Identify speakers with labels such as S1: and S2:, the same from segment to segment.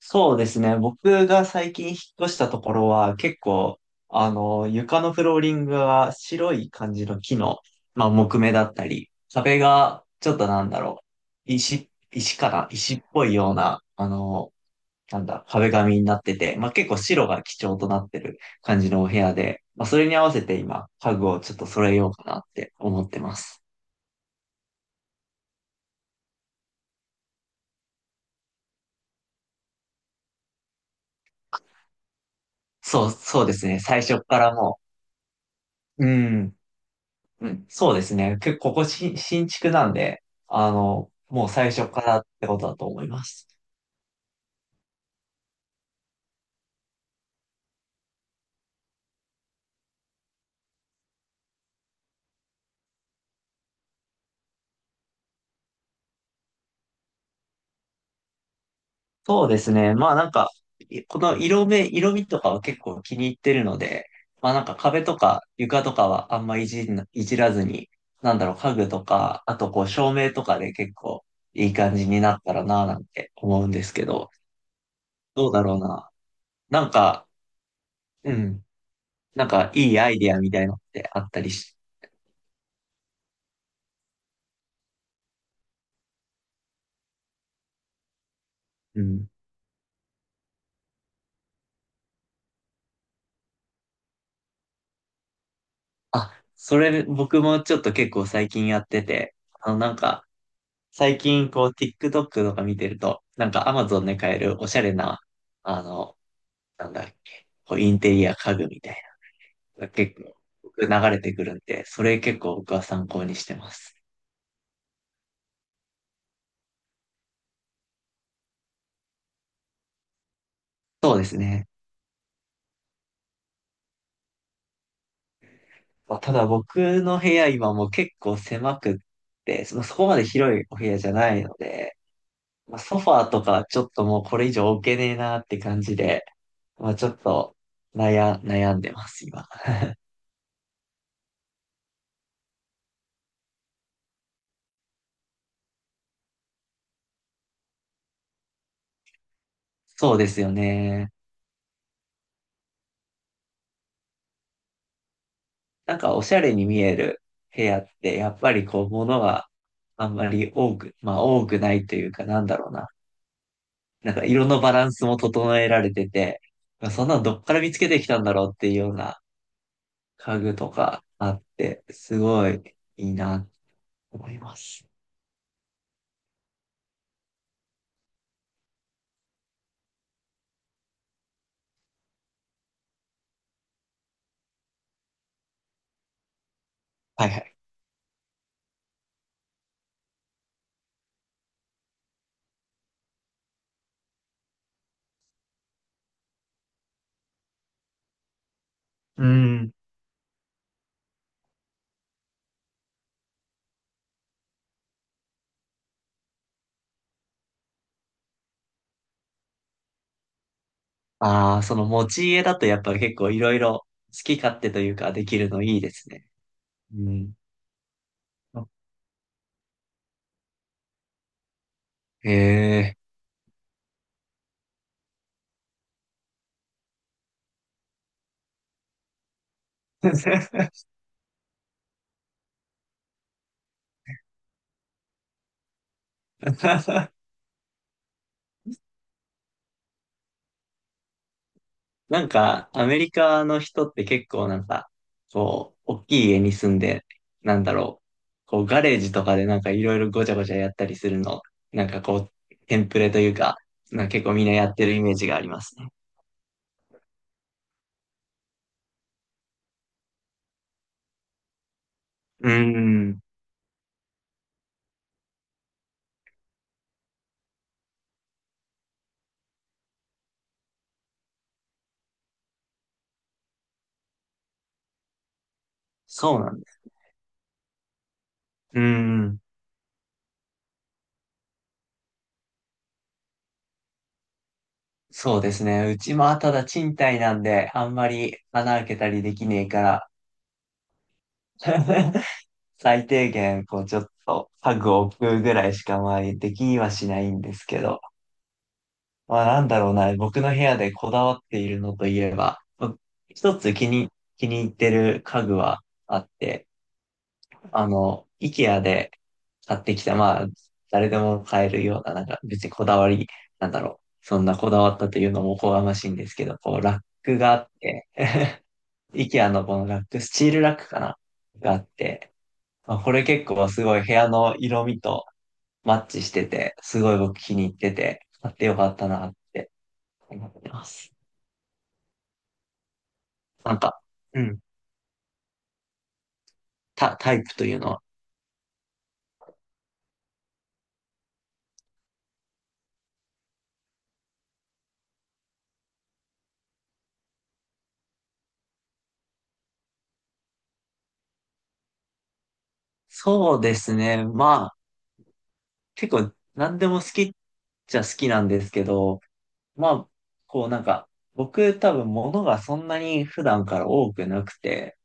S1: そうですね。僕が最近引っ越したところは結構、床のフローリングが白い感じの木の、まあ、木目だったり、壁がちょっとなんだろう、石かな石っぽいような、なんだ、壁紙になってて、まあ、結構白が基調となってる感じのお部屋で、まあ、それに合わせて今、家具をちょっと揃えようかなって思ってます。そうですね。最初からもう、うん。うん、そうですね。結構ここ新築なんで、もう最初からってことだと思います。そうですね。まあなんか、この色味とかは結構気に入ってるので、まあなんか壁とか床とかはいじらずに、なんだろう、家具とか、あとこう照明とかで結構いい感じになったらなぁなんて思うんですけど、どうだろうな。なんか、うん、なんかいいアイディアみたいのってあったりし、うん。あ、それ僕もちょっと結構最近やってて、なんか最近こう TikTok とか見てると、なんか Amazon で買えるおしゃれな、あの、なんだっけ、こうインテリア家具みたいな、結構僕流れてくるんで、それ結構僕は参考にしてます。そうですね。まあ、ただ僕の部屋今もう結構狭くって、そこまで広いお部屋じゃないので、まあ、ソファーとかちょっともうこれ以上置けねえなって感じで、まあちょっと悩んでます、今。そうですよね。なんかおしゃれに見える部屋って、やっぱりこう、物があんまり多く、まあ多くないというか、なんだろうな。なんか色のバランスも整えられてて、まあそんなのどっから見つけてきたんだろうっていうような家具とかあって、すごいいいなと思います。はいはい。うん。ああ、その持ち家だとやっぱり結構いろいろ好き勝手というかできるのいいですね。うん。へえ。なんか、アメリカの人って結構なんか、こう、大きい家に住んで、なんだろう、こう、ガレージとかでなんかいろいろごちゃごちゃやったりするの、なんかこう、テンプレというか、なんか結構みんなやってるイメージがありますね。うーん、そうなんです。うーん、そうですね。うちもただ賃貸なんで、あんまり穴開けたりできねえから。最低限、こう、ちょっと、家具を置くぐらいしか、まあ、できにはしないんですけど、まあ、なんだろうな、僕の部屋でこだわっているのといえば、僕一つ気に入ってる家具はあって、IKEA で買ってきた、まあ、誰でも買えるような、なんか、別にこだわり、なんだろう、そんなこだわったというのもおこがましいんですけど、こう、ラックがあって、IKEA のこのラック、スチールラックかながあって、まあ、これ結構すごい部屋の色味と、マッチしてて、すごい僕気に入ってて、買ってよかったなって思ってます。なんか、うん、タイプというのは。そうですね。まあ、結構何でも好きっちゃ好きなんですけど、まあ、こうなんか、僕多分物がそんなに普段から多くなくて、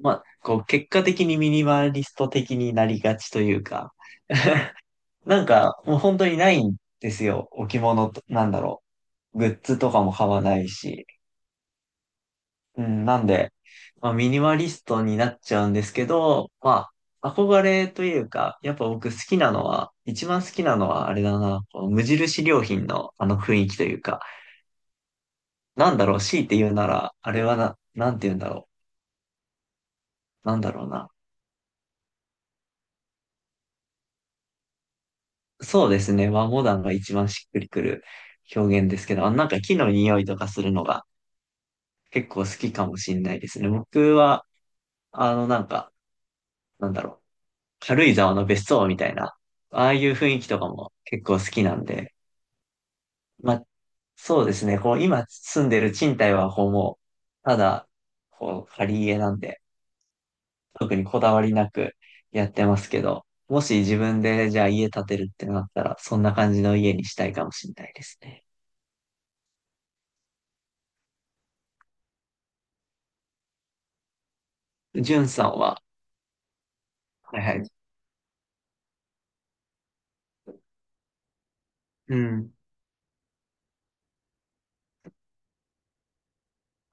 S1: まあ、こう結果的にミニマリスト的になりがちというか、なんかもう本当にないんですよ。置物と、なんだろう。グッズとかも買わないし。うん、なんで、まあ、ミニマリストになっちゃうんですけど、まあ、憧れというか、やっぱ僕好きなのは、一番好きなのはあれだな、この無印良品のあの雰囲気というか、なんだろう、強いて言うなら、あれはな、なんて言うんだろう、なんだろうな。そうですね、和モダンが一番しっくりくる表現ですけど、なんか木の匂いとかするのが結構好きかもしれないですね。僕は、なんか、なんだろう、軽井沢の別荘みたいな、ああいう雰囲気とかも結構好きなんで、まあ、そうですね、こう、今住んでる賃貸は、こう、もう、ただ、こう、借り家なんで、特にこだわりなくやってますけど、もし自分で、じゃあ家建てるってなったら、そんな感じの家にしたいかもしれないですね。じゅんさんは、はいはい。うん。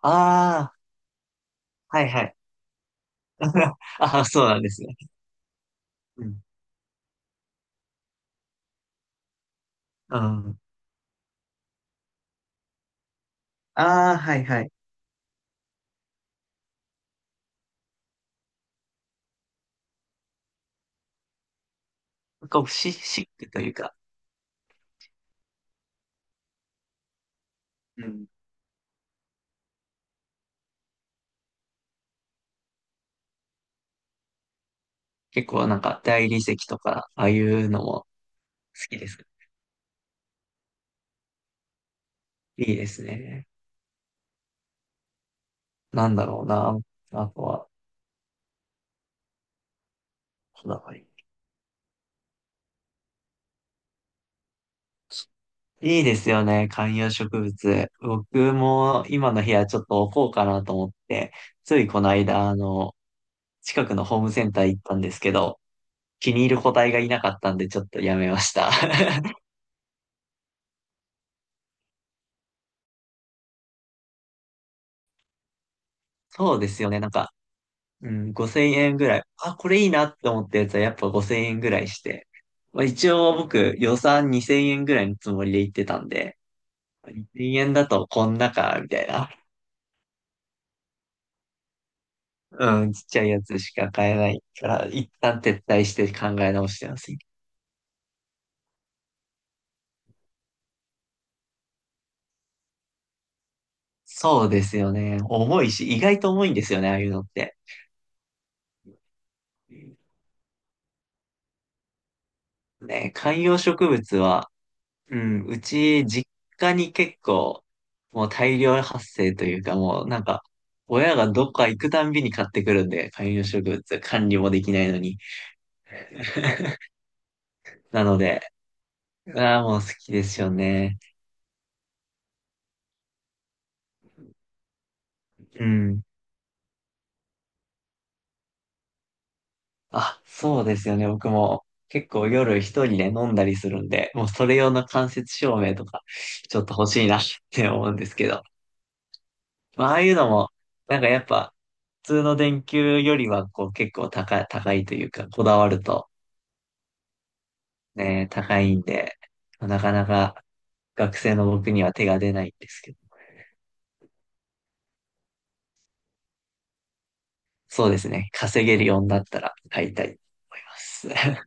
S1: ああ、はいはい。ああ、そうなんですね。うん。うん。ああ、はいはい。こう、シシックというか、うん結構なんか大理石とか、ああいうのも好きですか？いいですね。なんだろうな。あとは、こだわり。いいですよね、観葉植物。僕も今の部屋ちょっと置こうかなと思って、ついこの間、近くのホームセンター行ったんですけど、気に入る個体がいなかったんでちょっとやめました。そうですよね、なんかうん、5000円ぐらい。あ、これいいなって思ったやつはやっぱ5000円ぐらいして。まあ、一応僕予算2000円ぐらいのつもりで行ってたんで、2000円だとこんなか、みたいな。うん、ちっちゃいやつしか買えないから、一旦撤退して考え直してます。そうですよね。重いし、意外と重いんですよね、ああいうのって。ね、観葉植物はうん、うち、実家に結構、もう大量発生というか、もうなんか、親がどっか行くたんびに買ってくるんで、観葉植物、管理もできないのに。なので、ああ、もう好きですよね。うん。あ、そうですよね。僕も結構夜一人で飲んだりするんで、もうそれ用の間接照明とか、ちょっと欲しいなって思うんですけど。まあ、ああいうのも、なんかやっぱ、普通の電球よりは、こう結構高いというか、こだわると、ね、高いんで、なかなか学生の僕には手が出ないんですけど、そうですね、稼げるようになったら買いたいと思います。